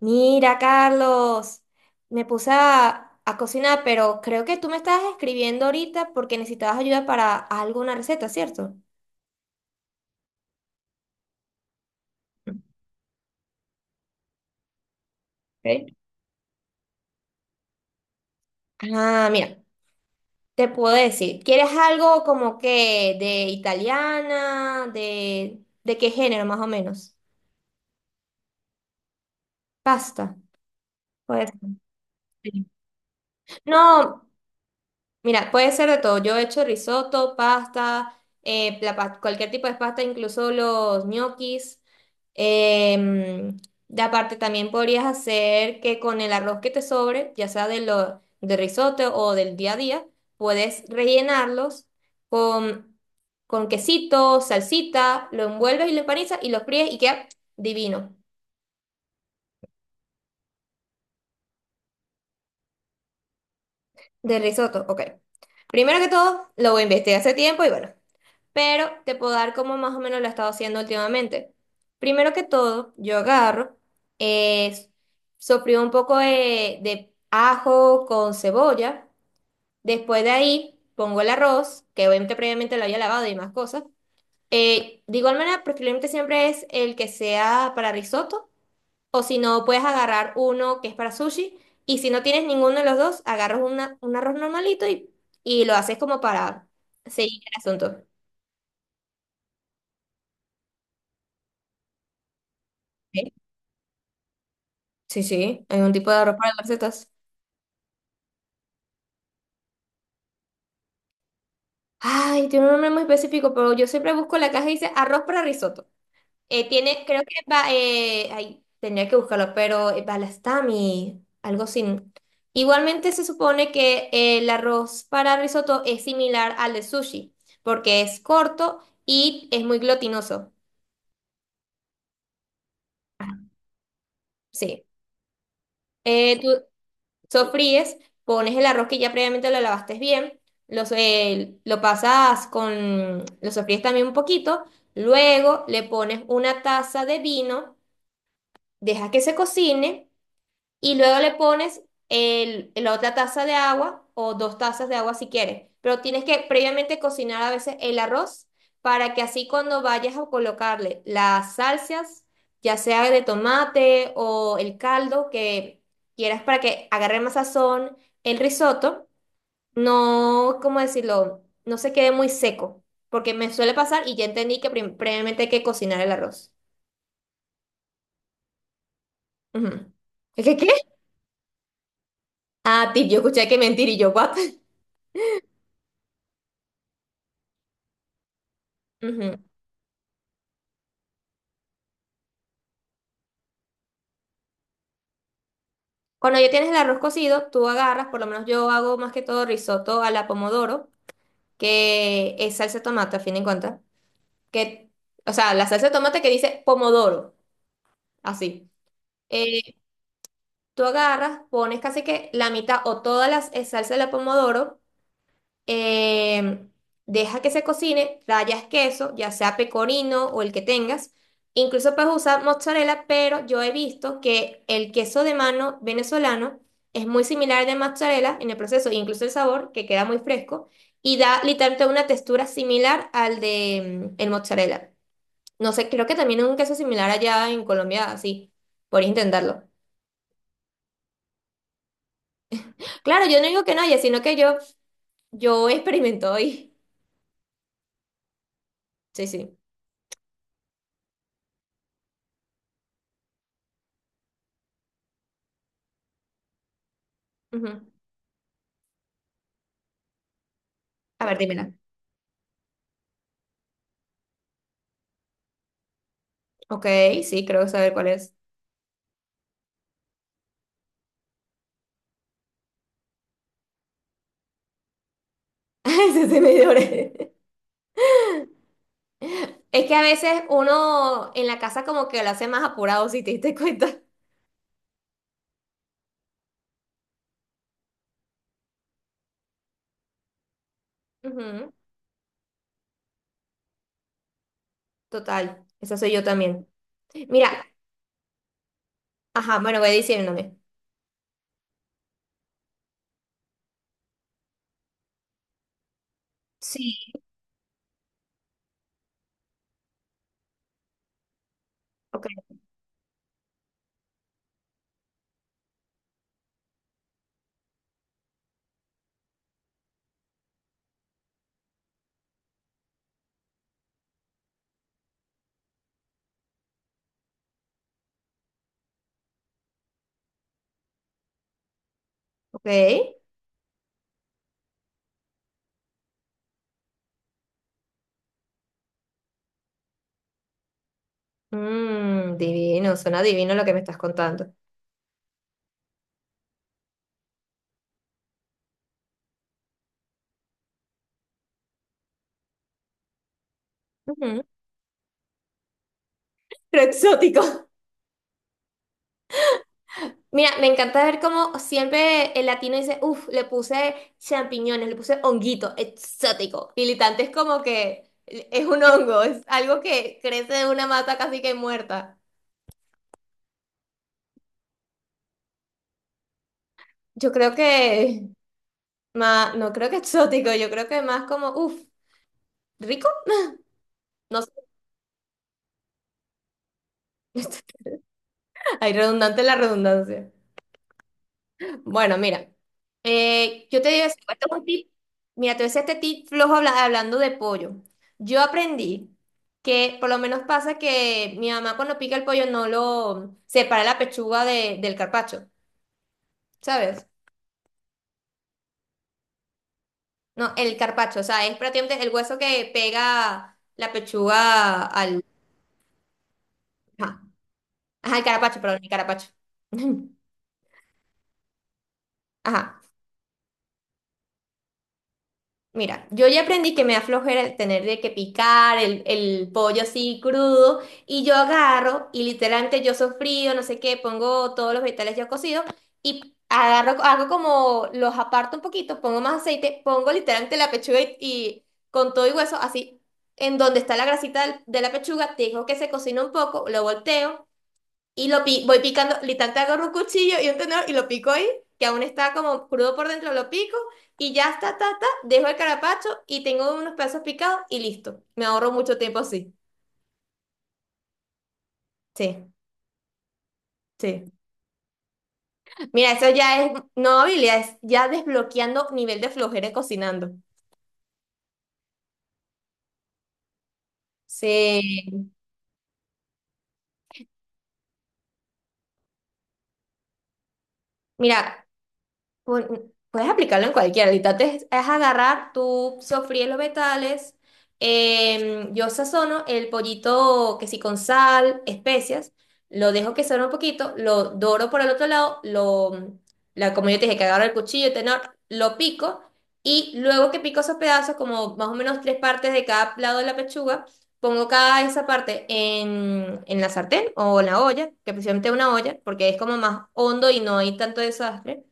Mira, Carlos, me puse a cocinar, pero creo que tú me estabas escribiendo ahorita porque necesitabas ayuda para alguna receta, ¿cierto? ¿Ok? Ah, mira, te puedo decir, ¿quieres algo como que de italiana, de qué género más o menos? Pasta, puede ser. Sí. No, mira, puede ser de todo. Yo he hecho risotto, pasta, cualquier tipo de pasta, incluso los ñoquis. Em, de aparte, también podrías hacer que con el arroz que te sobre, ya sea de lo, de risotto o del día a día, puedes rellenarlos con, con quesito, salsita, lo envuelves y lo empanizas y lo fríes y queda divino. De risotto, ok. Primero que todo, lo investigué hace tiempo y bueno, pero te puedo dar como más o menos lo he estado haciendo últimamente. Primero que todo, yo agarro, es, sofrío un poco de ajo con cebolla, después de ahí pongo el arroz, que obviamente previamente lo había lavado y más cosas. De igual manera, preferiblemente siempre es el que sea para risotto, o si no, puedes agarrar uno que es para sushi, y si no tienes ninguno de los dos, agarras un arroz normalito y lo haces como para seguir el asunto. ¿Ok? Sí, sí, hay un tipo de arroz para las recetas. Ay, tiene un nombre muy específico, pero yo siempre busco la caja y dice arroz para risotto. Tiene, creo que va, ay, tendría que buscarlo, pero balastami, algo sin. Igualmente se supone que el arroz para risotto es similar al de sushi, porque es corto y es muy glutinoso. Ah, sí. ¿Tú, sofríes, pones el arroz que ya previamente lo lavaste bien, los, lo pasas con, lo sofríes también un poquito, luego le pones una taza de vino, dejas que se cocine y luego le pones el, la otra taza de agua o dos tazas de agua si quieres. Pero tienes que previamente cocinar a veces el arroz para que así cuando vayas a colocarle las salsas, ya sea de tomate o el caldo que quieras para que agarre más sazón, el risotto, no, ¿cómo decirlo? No se quede muy seco, porque me suele pasar y ya entendí que previamente hay que cocinar el arroz. Ujú. ¿Qué, qué, qué? Ah, tip, yo escuché que mentir y yo, what? Ujú. Cuando ya tienes el arroz cocido, tú agarras, por lo menos yo hago más que todo risotto a la pomodoro, que es salsa de tomate, a fin de cuentas. Que, o sea, la salsa de tomate que dice pomodoro, así. Eh, tú agarras, pones casi que la mitad o toda la salsa de la pomodoro. Em, Deja que se cocine, rayas queso, ya sea pecorino o el que tengas. Incluso puedes usar mozzarella, pero yo he visto que el queso de mano venezolano es muy similar al de mozzarella en el proceso, incluso el sabor, que queda muy fresco, y da literalmente una textura similar al de el mozzarella. No sé, creo que también es un queso similar allá en Colombia, así, por intentarlo. Claro, yo no digo que no haya, sino que yo experimento hoy. Sí, sí. Ujú. A ver, dímela. Ok, sí, creo saber cuál es. Ese se me dio breve. Es que a veces uno en la casa como que lo hace más apurado, si te diste cuenta. Ujú, total, esa soy yo también. Mira, ajá, bueno, voy diciéndome. Sí. Ok, ok. Mm, divino, suena divino lo que me estás contando. Ujú, pero exótico. Mira, me encanta ver cómo siempre el latino dice, uff, le puse champiñones, le puse honguito, exótico. Militante es como que es un hongo, es algo que crece de una mata casi que muerta. Yo creo que, no creo que exótico, yo creo que más como, uff, rico. No sé, hay redundante la redundancia. Bueno, mira, yo te digo, esto es un tip, mira, te voy a decir este tip flojo hablando de pollo. Yo aprendí que por lo menos pasa que mi mamá cuando pica el pollo no lo separa la pechuga del carpacho, ¿sabes? No, el carpacho, o sea, es prácticamente el hueso que pega la pechuga al... Ajá, ajá, el carapacho, perdón, el carapacho. Ajá. Mira, yo ya aprendí que me da flojera el tener de que picar el pollo así crudo y yo agarro y literalmente yo sofrío, no sé qué, pongo todos los vegetales ya cocidos y agarro, hago como los aparto un poquito, pongo más aceite, pongo literalmente la pechuga y con todo y hueso así, en donde está la grasita de la pechuga, dejo que se cocina un poco, lo volteo y voy picando, literal, te agarro un cuchillo y un tenedor y lo pico ahí, que aún está como crudo por dentro, lo pico y ya está, ta, ta, dejo el carapacho y tengo unos pedazos picados y listo. Me ahorro mucho tiempo así. Sí, sí. Mira, eso ya es, no habilidad, es ya desbloqueando nivel de flojera cocinando. Sí. Mira, puedes aplicarlo en cualquiera. Ahorita es agarrar, tú sofríes los vegetales. Yo sazono el pollito que sí con sal, especias. Lo dejo que sazone un poquito. Lo doro por el otro lado. Lo, la, como yo te dije, que agarro el cuchillo, tenor, lo pico. Y luego que pico esos pedazos, como más o menos tres partes de cada lado de la pechuga, pongo cada esa parte en la sartén o en la olla, que precisamente una olla, porque es como más hondo y no hay tanto desastre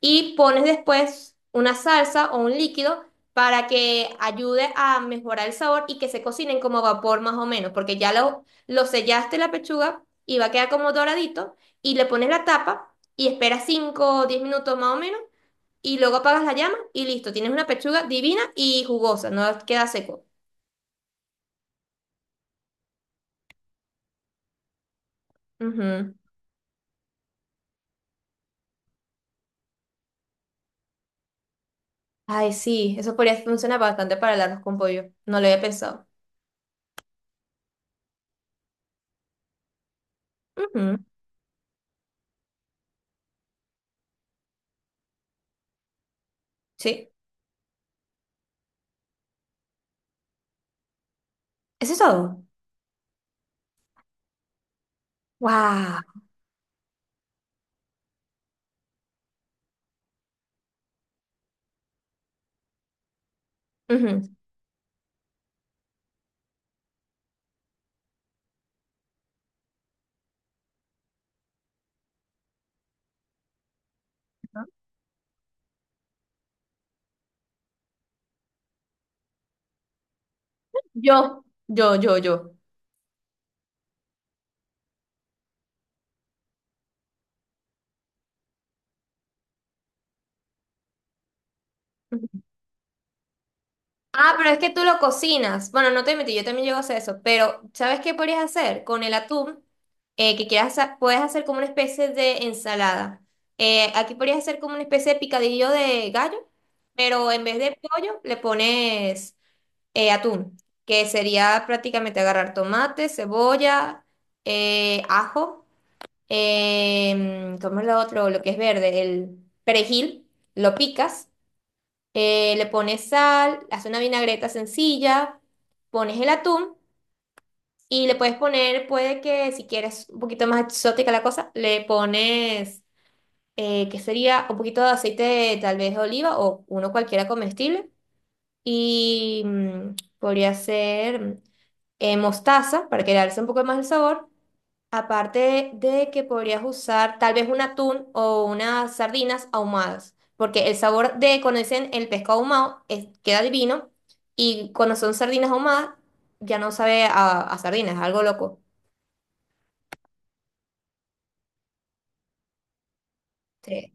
y pones después una salsa o un líquido para que ayude a mejorar el sabor y que se cocinen como a vapor más o menos, porque ya lo sellaste la pechuga y va a quedar como doradito y le pones la tapa y esperas 5 o 10 minutos más o menos y luego apagas la llama y listo, tienes una pechuga divina y jugosa, no queda seco. Ujú. Ay, sí, eso podría funcionar bastante para el arroz con pollo, no lo había pensado. Ujú, sí, eso es todo. Wow. Yo. Ah, pero es que tú lo cocinas. Bueno, no te metí, yo también llego a hacer eso. Pero, ¿sabes qué podrías hacer con el atún? Eh, que quieras hacer, puedes hacer como una especie de ensalada. Aquí podrías hacer como una especie de picadillo de gallo, pero en vez de pollo le pones atún, que sería prácticamente agarrar tomate, cebolla, ajo, ¿cómo es lo otro? Lo que es verde, el perejil, lo picas, le pones sal, haces una vinagreta sencilla, pones el atún y le puedes poner, puede que si quieres un poquito más exótica la cosa, le pones, que sería un poquito de aceite tal vez de oliva o uno cualquiera comestible y podría ser mostaza para que le alce un poco más el sabor. Aparte de que podrías usar tal vez un atún o unas sardinas ahumadas, porque el sabor de cuando dicen el pescado ahumado queda divino y cuando son sardinas ahumadas ya no sabe a sardinas, es algo loco. Sí.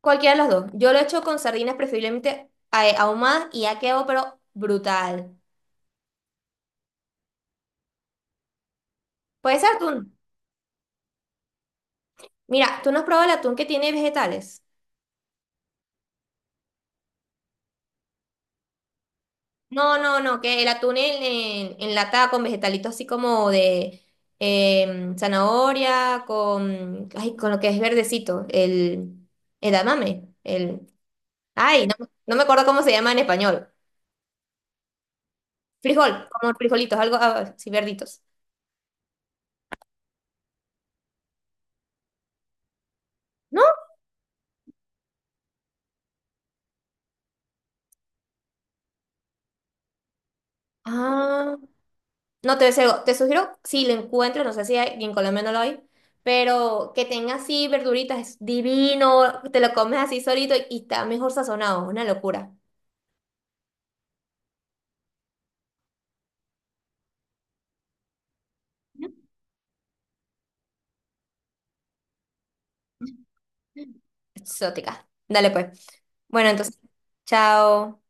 Cualquiera de las dos. Yo lo he hecho con sardinas preferiblemente ahumadas y ha quedado pero brutal. Puede ser atún. Mira, ¿tú no has probado el atún que tiene vegetales? No, no, no, que el atún en, enlatado con vegetalitos así como de zanahoria, con, ay, con lo que es verdecito, el edamame, el, ay, no, no me acuerdo cómo se llama en español. Frijol, como frijolitos, algo así verditos. ¿No? Ah, no, te, te sugiero, si lo encuentro, no sé si en Colombia no lo hay, pero que tenga así verduritas, es divino, te lo comes así solito y está mejor sazonado, una locura. Exótica. Dale pues. Bueno, entonces, chao.